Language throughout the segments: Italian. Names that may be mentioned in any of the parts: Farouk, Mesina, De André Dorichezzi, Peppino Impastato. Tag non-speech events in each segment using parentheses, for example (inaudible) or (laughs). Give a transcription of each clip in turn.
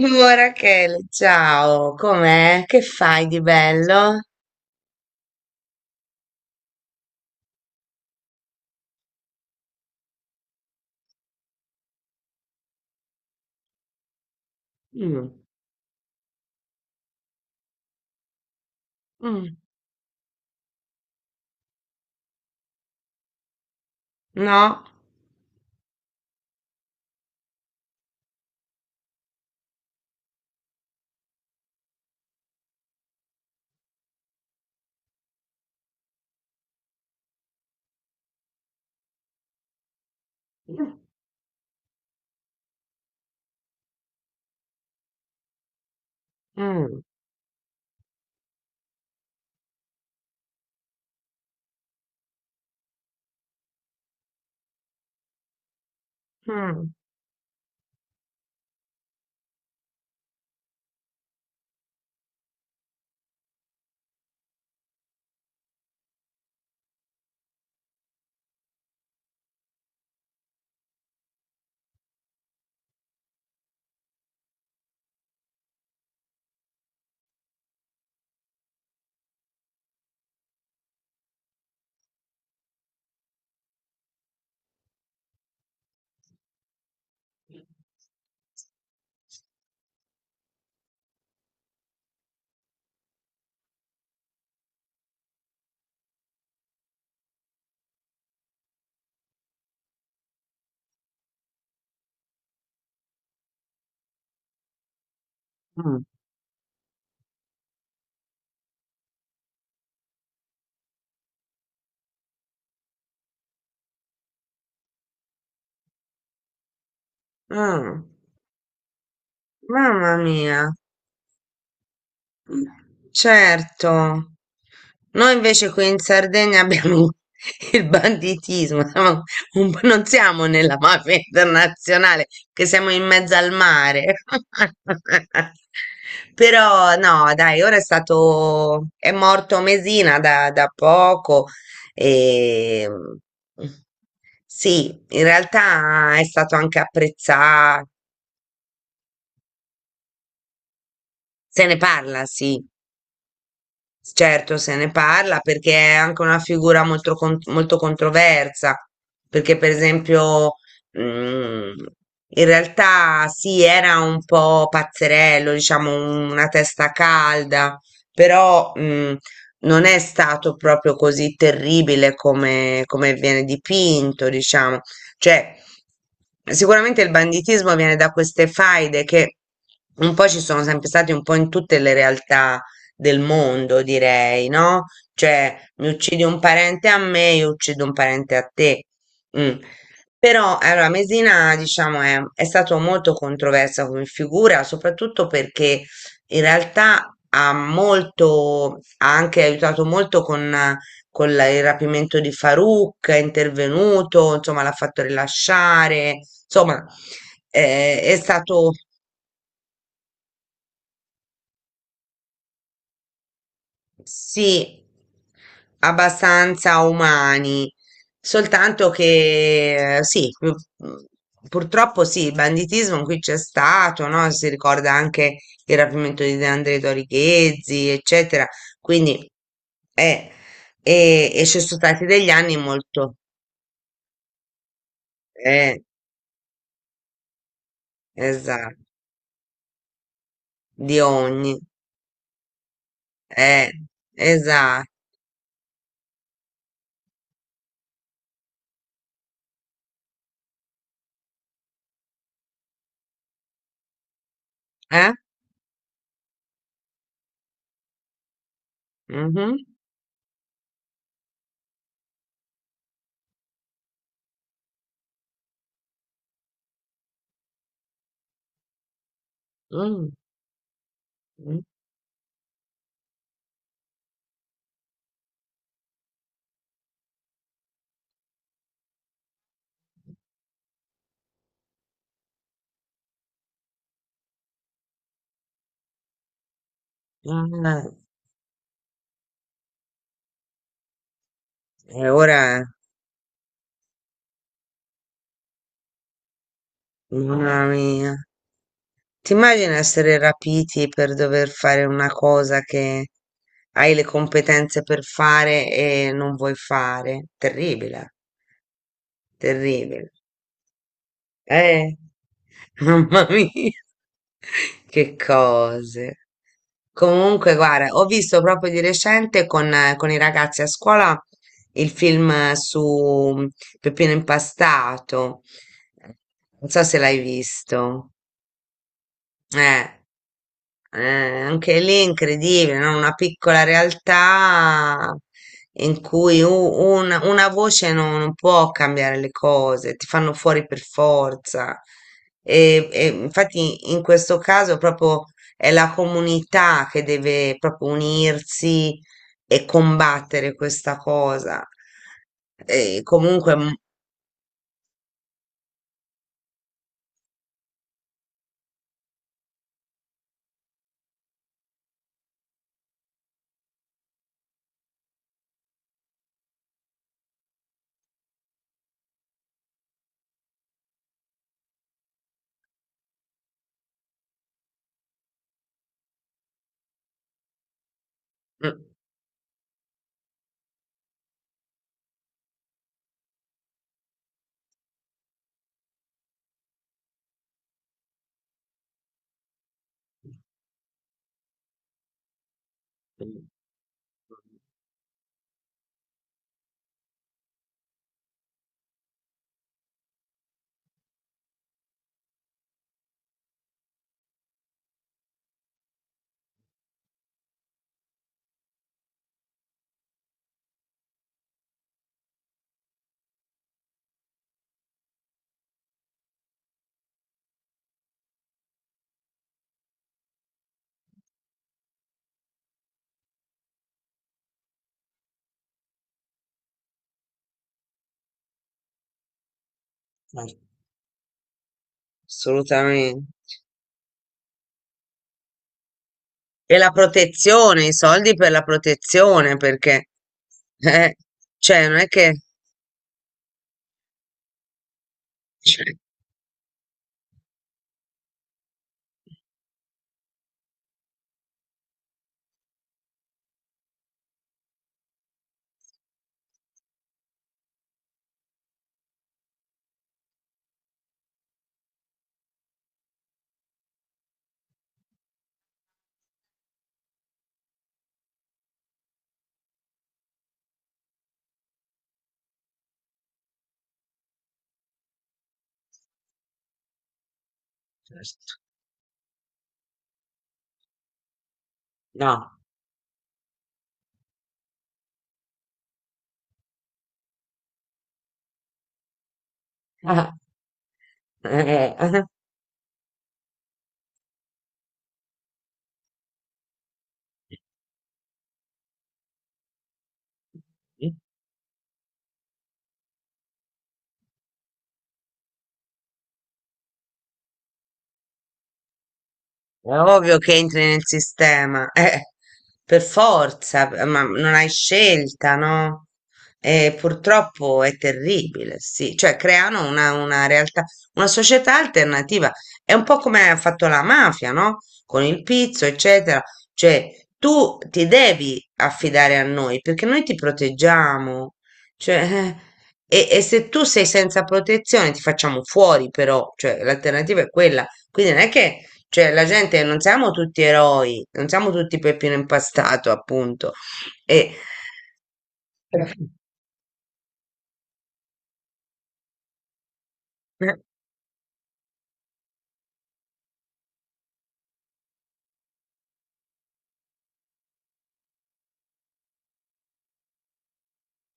Oh, Rachele, ciao, com'è? Che fai di bello? Mm. Mm. No? Mm. Mm. Mm. Mm. Mm. Mamma mia. Certo, noi invece qui in Sardegna abbiamo (laughs) il banditismo, siamo un po' non siamo nella mafia internazionale, che siamo in mezzo al mare. (laughs) Però no, dai, ora è morto Mesina da poco e sì, in realtà è stato anche apprezzato, se ne parla, sì. Certo, se ne parla perché è anche una figura molto, molto controversa, perché per esempio mm, in realtà sì, era un po' pazzerello, diciamo una testa calda, però non è stato proprio così terribile come, come viene dipinto, diciamo. Cioè, sicuramente il banditismo viene da queste faide che un po' ci sono sempre state un po' in tutte le realtà del mondo, direi, no? Cioè, mi uccidi un parente a me, io uccido un parente a te. Mm. Però, allora, Mesina, diciamo, è stato molto controversa come figura, soprattutto perché in realtà ha molto, ha anche aiutato molto con il rapimento di Farouk, è intervenuto, insomma, l'ha fatto rilasciare, insomma, è stato sì, abbastanza umani, soltanto che sì, purtroppo sì, il banditismo qui c'è stato, no? Si ricorda anche il rapimento di De André Dorichezzi, eccetera, quindi eh, e ci sono stati degli anni molto, eh, esatto, di ogni, eh, esatto, eh? Mhm. Mm. Mm. Ah, e ora, mamma mia. Ti immagini essere rapiti per dover fare una cosa che hai le competenze per fare e non vuoi fare? Terribile, terribile. Eh, (laughs) mamma mia, che cose. Comunque, guarda, ho visto proprio di recente con i ragazzi a scuola il film su Peppino Impastato. Non so se l'hai visto. Eh. Anche lì è incredibile, no? Una piccola realtà in cui una voce non può cambiare le cose, ti fanno fuori per forza. E infatti in questo caso proprio è la comunità che deve proprio unirsi e combattere questa cosa. E comunque, mm. Mm. Assolutamente. E la protezione, i soldi per la protezione, perché, eh, cioè, non è che... Cioè, certo, no. (laughs) Ah, eh. È ovvio che entri nel sistema, per forza, ma non hai scelta, no? E purtroppo è terribile, sì, cioè creano una realtà, una società alternativa. È un po' come ha fatto la mafia, no? Con il pizzo, eccetera. Cioè, tu ti devi affidare a noi perché noi ti proteggiamo. Cioè, e se tu sei senza protezione, ti facciamo fuori, però, cioè, l'alternativa è quella. Quindi non è che cioè, la gente non siamo tutti eroi, non siamo tutti Peppino Impastato, appunto. E... (laughs) Mm.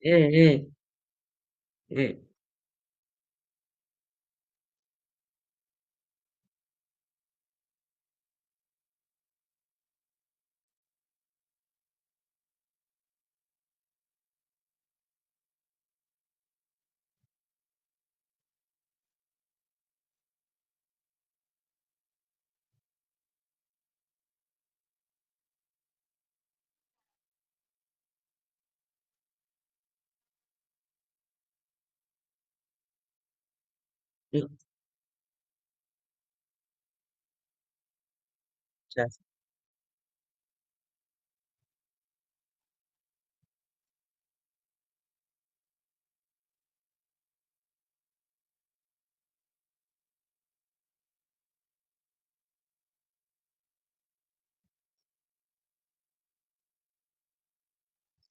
Mm. Mm. Mm. Certo.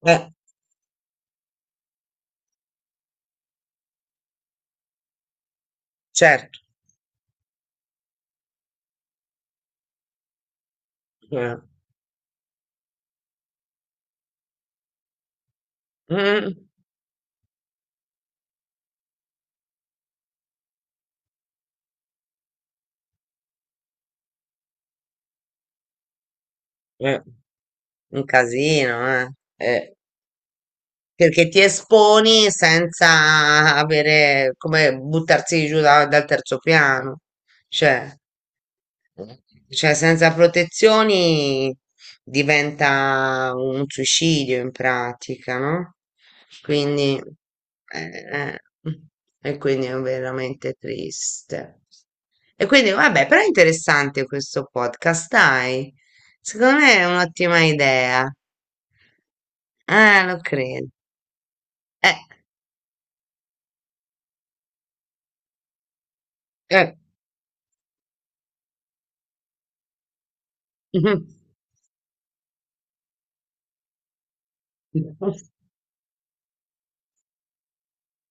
Eh, certo. Eh, mm, eh, un casino, eh, perché ti esponi senza avere come buttarsi giù dal terzo piano. Cioè. Cioè, senza protezioni diventa un suicidio in pratica, no? Quindi, eh, eh, e quindi è veramente triste. E quindi, vabbè, però è interessante questo podcast, dai. Secondo me è un'ottima idea. Ah, lo credo. Eh, eh. (laughs)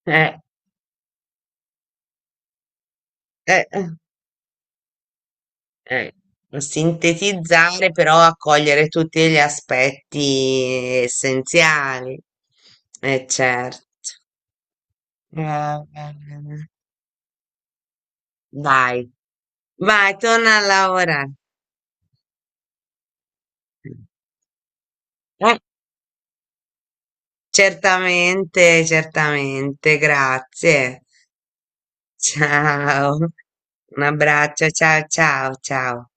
Eh, eh. Eh. Eh, sintetizzare però accogliere tutti gli aspetti essenziali. Eh certo. Eh, eh, dai, vai, torna a lavorare. Eh, certamente, certamente, grazie. Ciao. Un abbraccio, ciao, ciao, ciao.